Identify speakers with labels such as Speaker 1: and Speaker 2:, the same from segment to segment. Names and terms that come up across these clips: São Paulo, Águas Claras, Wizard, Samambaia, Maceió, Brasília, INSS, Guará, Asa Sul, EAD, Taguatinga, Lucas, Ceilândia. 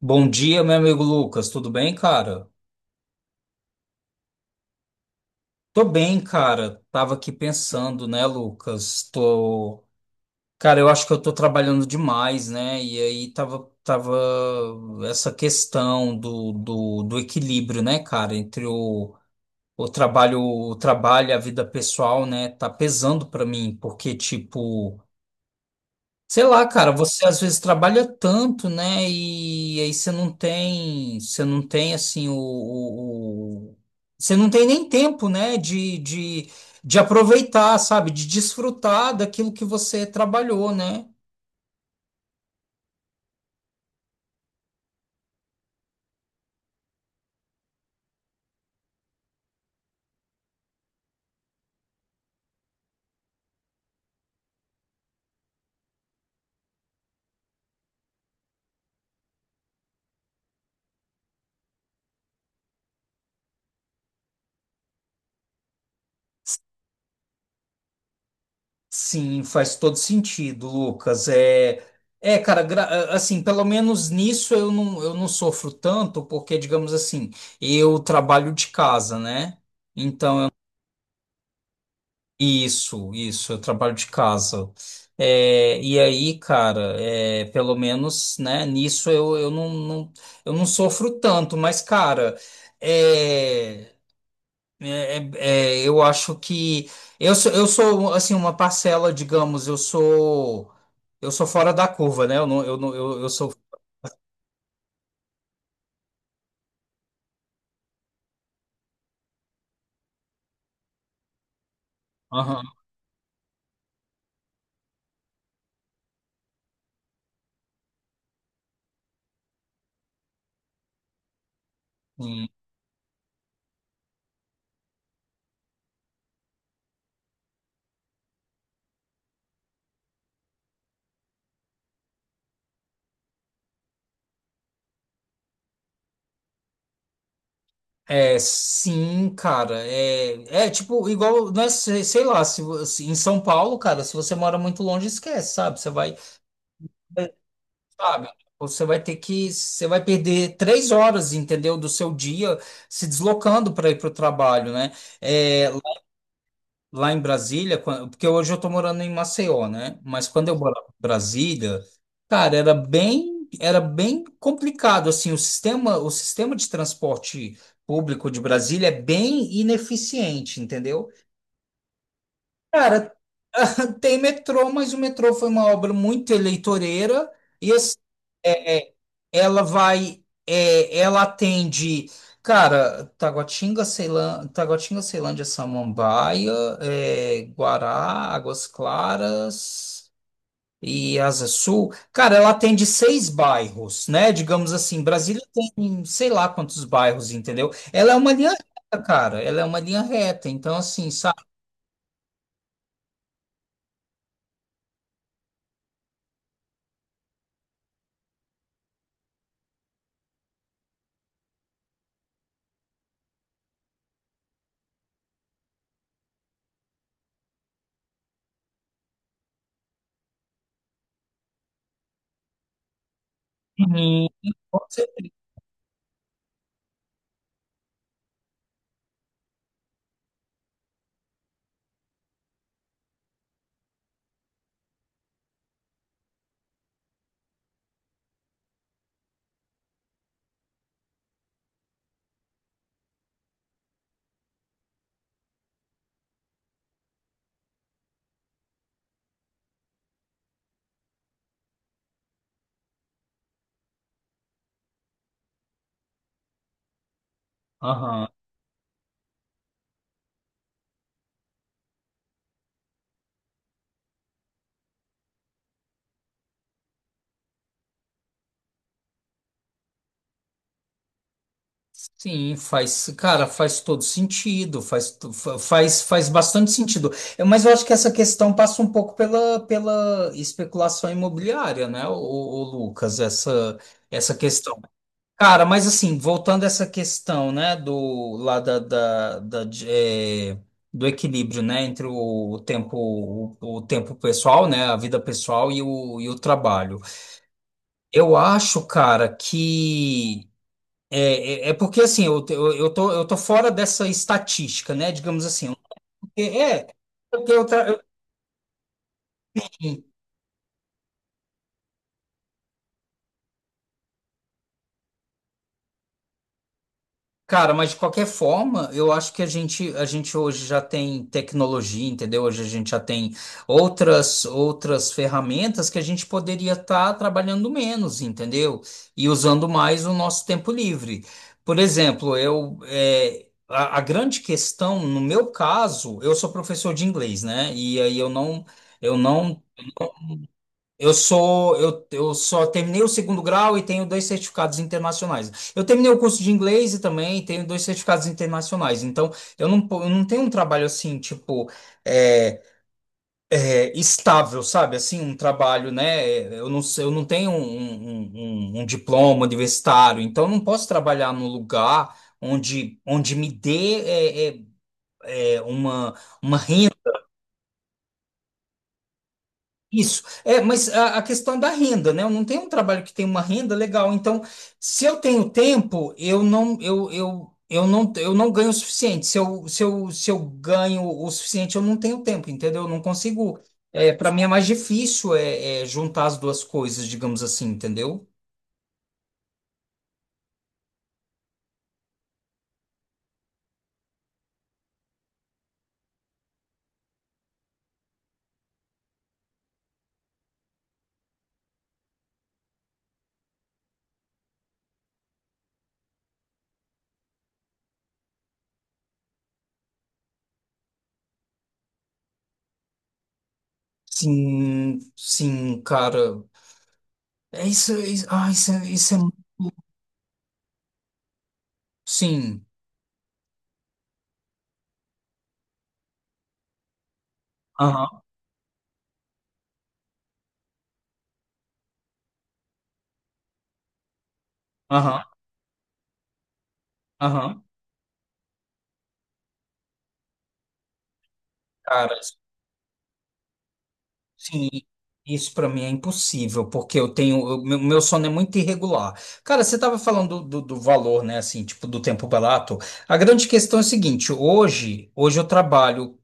Speaker 1: Bom dia, meu amigo Lucas. Tudo bem, cara? Tô bem, cara. Tava aqui pensando, né, Lucas? Cara, eu acho que eu tô trabalhando demais, né? E aí tava essa questão do equilíbrio, né, cara, entre o trabalho e a vida pessoal, né? Tá pesando pra mim, porque tipo sei lá, cara, você às vezes trabalha tanto, né? E aí você não tem assim você não tem nem tempo, né? De aproveitar, sabe? De desfrutar daquilo que você trabalhou, né? Sim, faz todo sentido, Lucas. Cara, assim, pelo menos nisso eu não sofro tanto, porque, digamos assim, eu trabalho de casa, né? Então isso, eu trabalho de casa. É, e aí, cara, é, pelo menos, né, nisso eu não sofro tanto, mas, cara, é, é- é, eu acho que eu sou, assim, uma parcela, digamos, eu sou fora da curva, né? Eu não, eu não, eu sou. Aham. É, sim, cara. É, é tipo, igual, não é, sei lá, se em São Paulo, cara, se você mora muito longe, esquece, sabe? Você vai, sabe? Você vai perder três horas, entendeu, do seu dia se deslocando para ir para o trabalho, né? É, lá em Brasília, porque hoje eu tô morando em Maceió, né? Mas quando eu morava em Brasília, cara, era bem complicado, assim, o sistema de transporte público de Brasília é bem ineficiente, entendeu? Cara, tem metrô, mas o metrô foi uma obra muito eleitoreira e assim, é, é, ela vai, é, ela atende, cara, Taguatinga, Ceilândia, Taguatinga, Ceilândia, Samambaia, é, Guará, Águas Claras e Asa Sul. Cara, ela atende seis bairros, né? Digamos assim, Brasília tem sei lá quantos bairros, entendeu? Ela é uma linha reta, cara, ela é uma linha reta. Então, assim, sabe? Uhum. Aham. Sim, faz, cara, faz todo sentido, faz, to- fa- faz, faz bastante sentido. É, mas eu acho que essa questão passa um pouco pela, pela especulação imobiliária, né, o Lucas, essa questão. Cara, mas assim, voltando a essa questão, né, do, lá da, da, da, de- é, do equilíbrio, né, entre o tempo, o tempo pessoal, né, a vida pessoal e e o trabalho. Eu acho, cara, que é porque assim, eu, te- eu tô fora dessa estatística, né? Digamos assim. Eu não te- É, porque cara, mas de qualquer forma, eu acho que a gente hoje já tem tecnologia, entendeu? Hoje a gente já tem outras ferramentas que a gente poderia estar trabalhando menos, entendeu? E usando mais o nosso tempo livre. Por exemplo, eu, é, a grande questão, no meu caso, eu sou professor de inglês, né? E aí eu não. Eu não eu sou, eu só terminei o segundo grau e tenho dois certificados internacionais. Eu terminei o curso de inglês e também tenho dois certificados internacionais. Então, eu não tenho um trabalho assim, tipo, é, estável, sabe? Assim, um trabalho, né? É, eu não tenho um diploma universitário, então eu não posso trabalhar num lugar onde me dê é, é, é, uma isso. É, mas a questão da renda, né? Eu não tenho um trabalho que tem uma renda legal. Então, se eu tenho tempo, eu não ganho o suficiente. Se eu ganho o suficiente, eu não tenho tempo, entendeu? Eu não consigo. É, para mim é mais difícil é, é juntar as duas coisas, digamos assim, entendeu? Sim, sim, cara. É isso, ah, isso, é- isso é. Sim. Aham, aham, aham. Cara. Sim, isso pra mim é impossível, porque eu tenho, meu sono é muito irregular. Cara, você tava falando do valor, né, assim, tipo, do tempo barato. A grande questão é o seguinte, hoje eu trabalho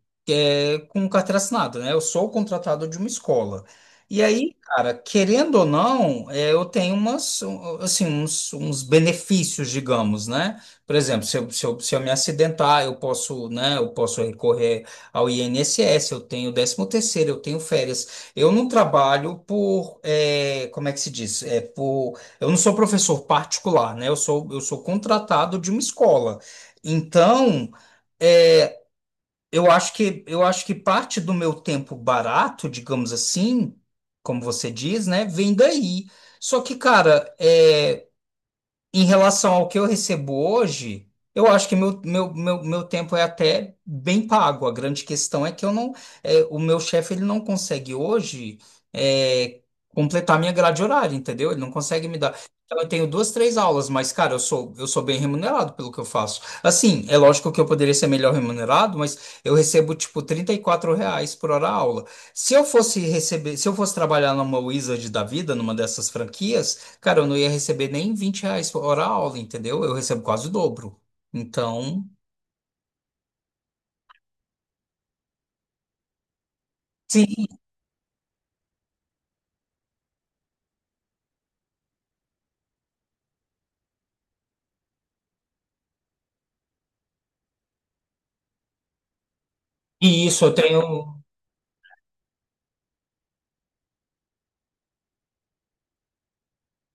Speaker 1: com um carteira assinada, né? Eu sou contratado de uma escola. E aí, cara, querendo ou não, é, eu tenho umas, um, assim, uns, uns benefícios, digamos, né? Por exemplo, se eu me acidentar, eu posso, né? Eu posso recorrer ao INSS, eu tenho décimo terceiro, eu tenho férias. Eu não trabalho por, é, como é que se diz? É por, eu não sou professor particular, né? Eu sou contratado de uma escola. Então, é, eu acho que parte do meu tempo barato, digamos assim, como você diz, né, vem daí. Só que, cara, é em relação ao que eu recebo hoje, eu acho que meu tempo é até bem pago. A grande questão é que eu não, é, o meu chefe ele não consegue hoje é, completar minha grade horária, entendeu? Ele não consegue me dar. Então eu tenho duas, três aulas, mas cara, eu sou bem remunerado pelo que eu faço. Assim, é lógico que eu poderia ser melhor remunerado, mas eu recebo tipo 34 reais por hora aula. Se eu fosse trabalhar numa Wizard da vida, numa dessas franquias cara, eu não ia receber nem 20 reais por hora aula, entendeu? Eu recebo quase o dobro. Então, sim, e isso eu tenho.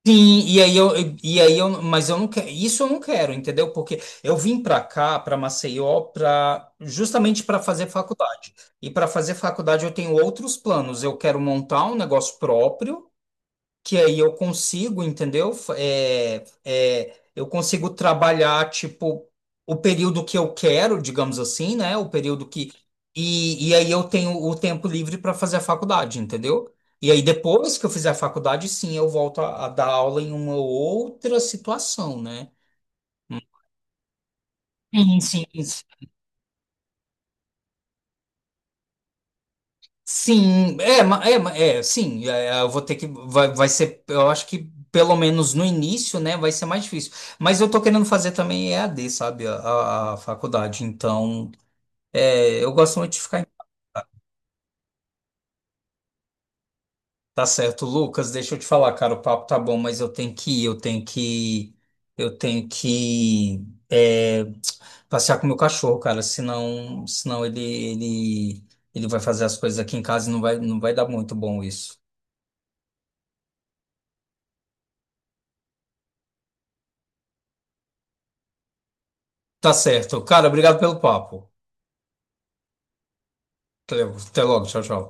Speaker 1: Sim, e aí eu, mas eu não quero, isso eu não quero, entendeu? Porque eu vim para cá, para Maceió, para justamente para fazer faculdade. E para fazer faculdade eu tenho outros planos. Eu quero montar um negócio próprio. Que aí eu consigo, entendeu? Eu consigo trabalhar, tipo, o período que eu quero, digamos assim, né? O período que. E e aí eu tenho o tempo livre para fazer a faculdade, entendeu? E aí depois que eu fizer a faculdade, sim, eu volto a dar aula em uma outra situação, né? Sim, sim. Sim, é, eu vou ter que, vai ser, eu acho que pelo menos no início, né, vai ser mais difícil. Mas eu tô querendo fazer também EAD, sabe, a faculdade, então, é, eu gosto muito de ficar em... Tá certo, Lucas, deixa eu te falar, cara, o papo tá bom, mas eu tenho que ir, eu tenho que, é, passear com o meu cachorro, cara, senão ele vai fazer as coisas aqui em casa e não vai dar muito bom isso. Tá certo. Cara, obrigado pelo papo. Até logo. Tchau, tchau.